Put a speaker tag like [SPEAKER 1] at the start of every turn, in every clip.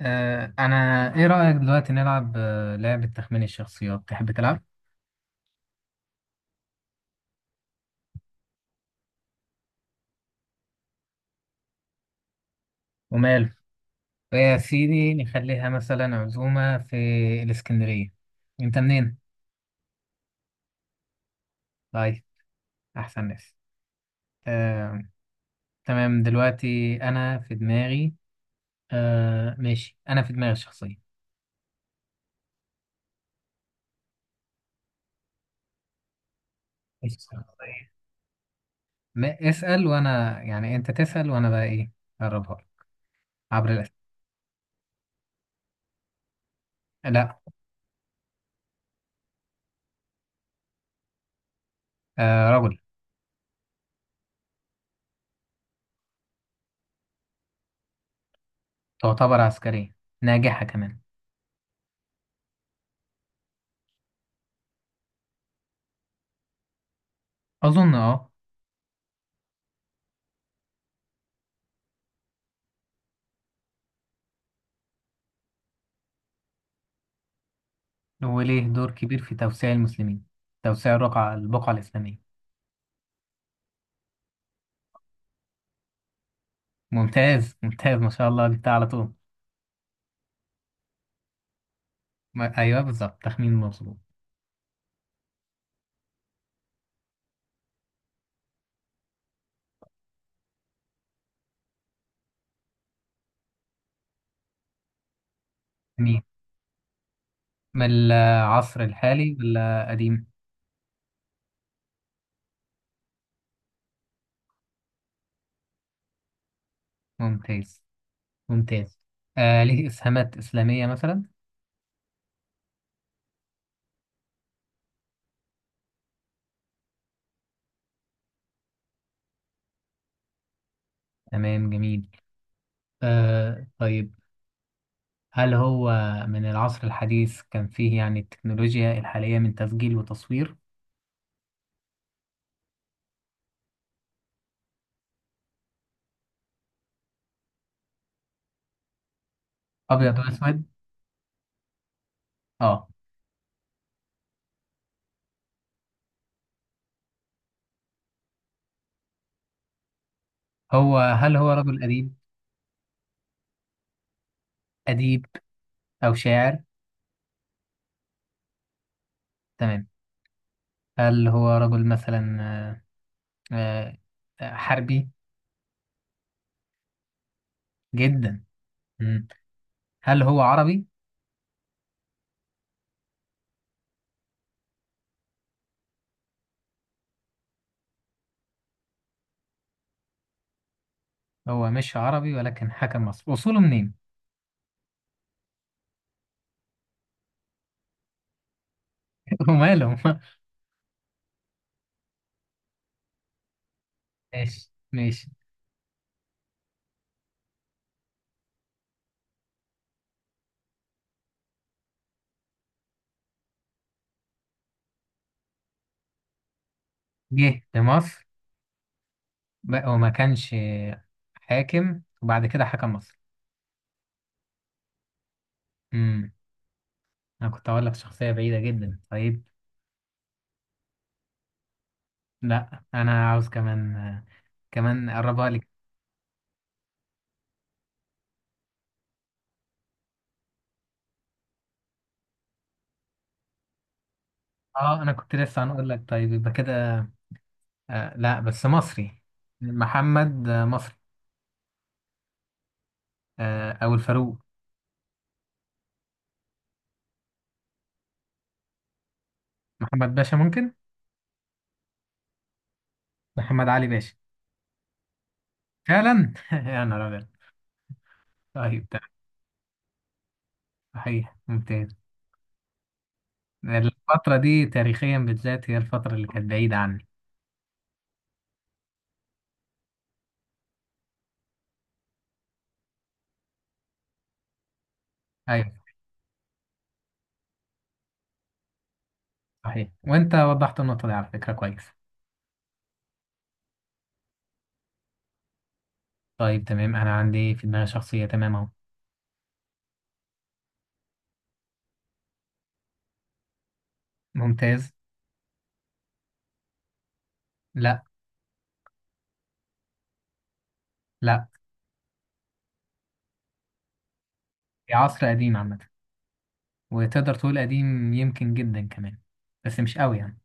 [SPEAKER 1] أنا إيه رأيك دلوقتي نلعب لعبة تخمين الشخصيات تحب تلعب؟ وماله؟ يا سيدي نخليها مثلا عزومة في الإسكندرية. أنت منين؟ طيب، أحسن ناس. آه، تمام دلوقتي أنا في دماغي. ماشي أنا في دماغي الشخصية. إيش الشخصية. اسأل وأنا يعني أنت تسأل وأنا بقى إيه أقربها لك عبر الأسئلة. لا. رجل. تعتبر عسكرية ناجحة كمان. أظن أه. وليه دور كبير في توسيع المسلمين، توسيع الرقعة البقعة الإسلامية. ممتاز ما شاء الله جبتها على طول. ما... أيوه بالظبط، تخمين مظبوط. جميل. من العصر الحالي ولا قديم؟ ممتاز ممتاز آه ليه إسهامات إسلامية مثلا؟ تمام، جميل. آه طيب، هل هو من العصر الحديث كان فيه يعني التكنولوجيا الحالية من تسجيل وتصوير؟ أبيض وأسود. آه. هو هل هو رجل أديب؟ أديب أو شاعر؟ تمام. هل هو رجل مثلا حربي؟ جدا. مم. هل هو عربي؟ هو مش عربي ولكن حكم مصر، اصوله منين؟ وماله. ماشي ماشي. جه لمصر بقى وما كانش حاكم وبعد كده حكم مصر. مم. انا كنت اقول لك شخصية بعيدة جدا. طيب، لا انا عاوز كمان، كمان اقربها لك. اه انا كنت لسه هنقول لك طيب يبقى كده. آه لا، بس مصري. محمد، مصري. آه او الفاروق. محمد باشا ممكن. محمد علي باشا. فعلا يا نهار ابيض. طيب تمام. صحيح، ممتاز. الفترة دي تاريخيا بالذات هي الفترة اللي كانت بعيدة عني. ايوه، صحيح، وانت وضحت النقطة دي على فكرة كويس. طيب تمام، انا عندي في دماغي شخصية تمام اهو. ممتاز. لا. لا. هي عصر قديم عامة، وتقدر تقول قديم يمكن جدا كمان، بس مش قوي يعني.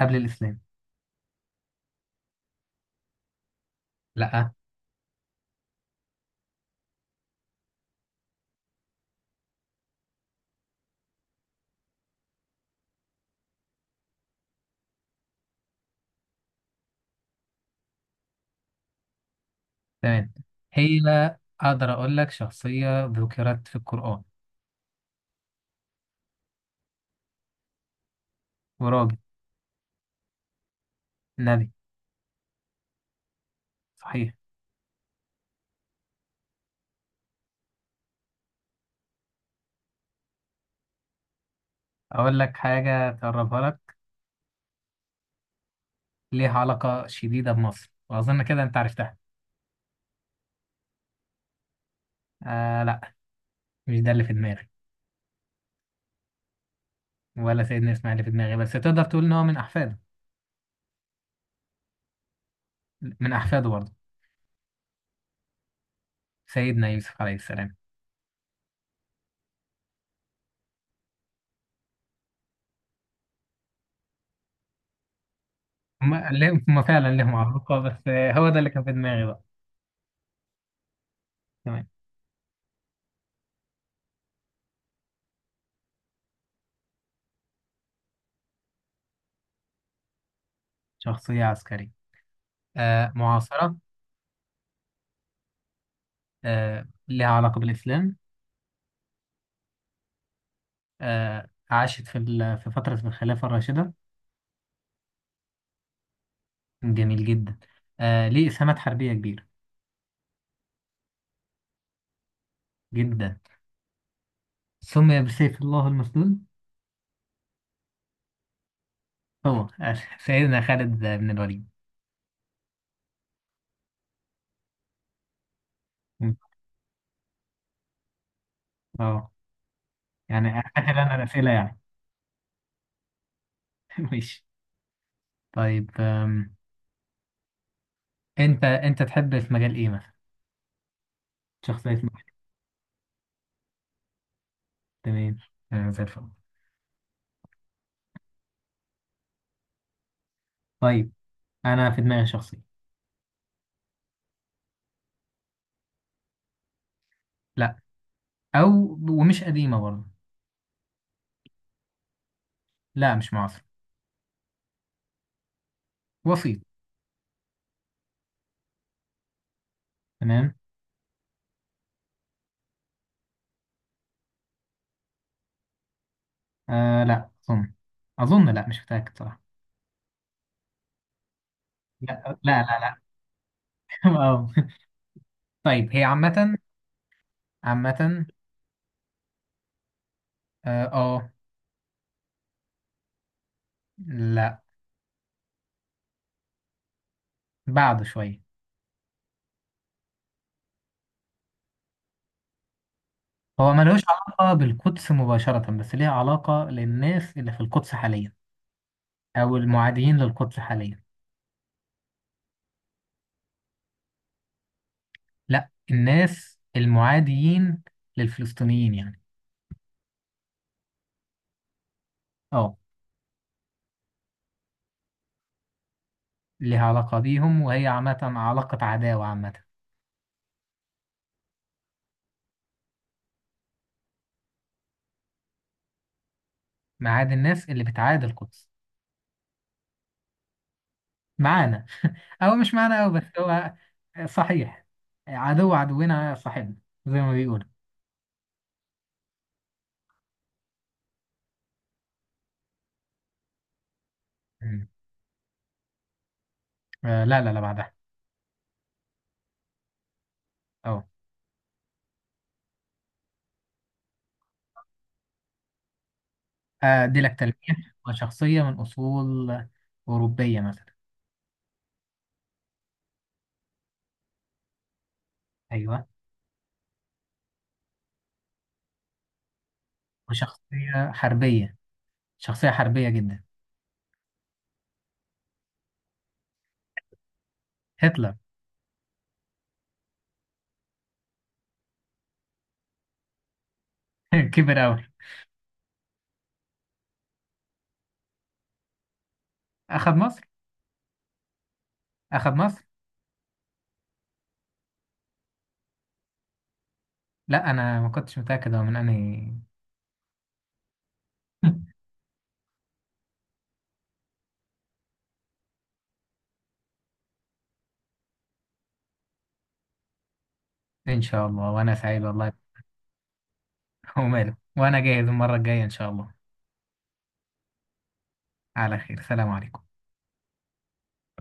[SPEAKER 1] قبل الإسلام. لا. تمام. هي اقدر اقول لك شخصية ذكرت في القرآن. وراجل. نبي. صحيح. أقول لك حاجة تقربها لك. ليها علاقة شديدة بمصر وأظن كده أنت عرفتها. آه لا، مش ده اللي في دماغي. ولا سيدنا إسماعيل اللي في دماغي، بس تقدر تقول إن هو من أحفاده. من أحفاده برضه. سيدنا يوسف عليه السلام. هما هما فعلا لهم علاقة، بس آه، هو ده اللي كان في دماغي بقى. تمام. شخصية عسكرية. آه معاصرة. آه ليها علاقة بالإسلام. آه عاشت في في فترة الخلافة الراشدة. جميل جدا. آه ليه إسهامات حربية كبيرة. جدا. سمي بسيف الله المسلول. هو سيدنا خالد بن الوليد. م. اه، يعني فاكر انا الاسئله يعني. ماشي. طيب انت تحب في مجال ايه مثلا؟ شخصيه مين؟ تمام. آه، زي الفل. طيب انا في دماغي شخصيه. لا. او ومش قديمه برضه. لا مش معاصره. وسيط. تمام. آه لا اظن. اظن لا، مش متاكد صراحه. لا لا لا لا. اه. طيب هي عامه. عامه. اه. لا بعد شويه. هو ملوش علاقة بالقدس مباشرة، بس ليها علاقة للناس اللي في القدس حاليا. أو المعاديين للقدس حاليا. لا، الناس المعاديين للفلسطينيين يعني. اه. ليها علاقة بيهم وهي عامة علاقة عداوة عامة. معاد الناس اللي بتعادي القدس. معانا. أو مش معانا، أو بس هو صحيح. عدو عدونا صاحبنا، زي ما بيقولوا. مم. آه لا لا لا، بعدها. اه. آه، دي لك تلميح، وشخصية من أصول أوروبية مثلا. أيوه. وشخصية حربية. شخصية حربية جدا. هتلر. كبر أوي. أخد مصر. أخد مصر. لا أنا ما كنتش متأكد هو من أنهي. إن شاء الله، وأنا سعيد والله. وماله، وأنا جاهز المرة الجاية إن شاء الله. على خير، سلام عليكم.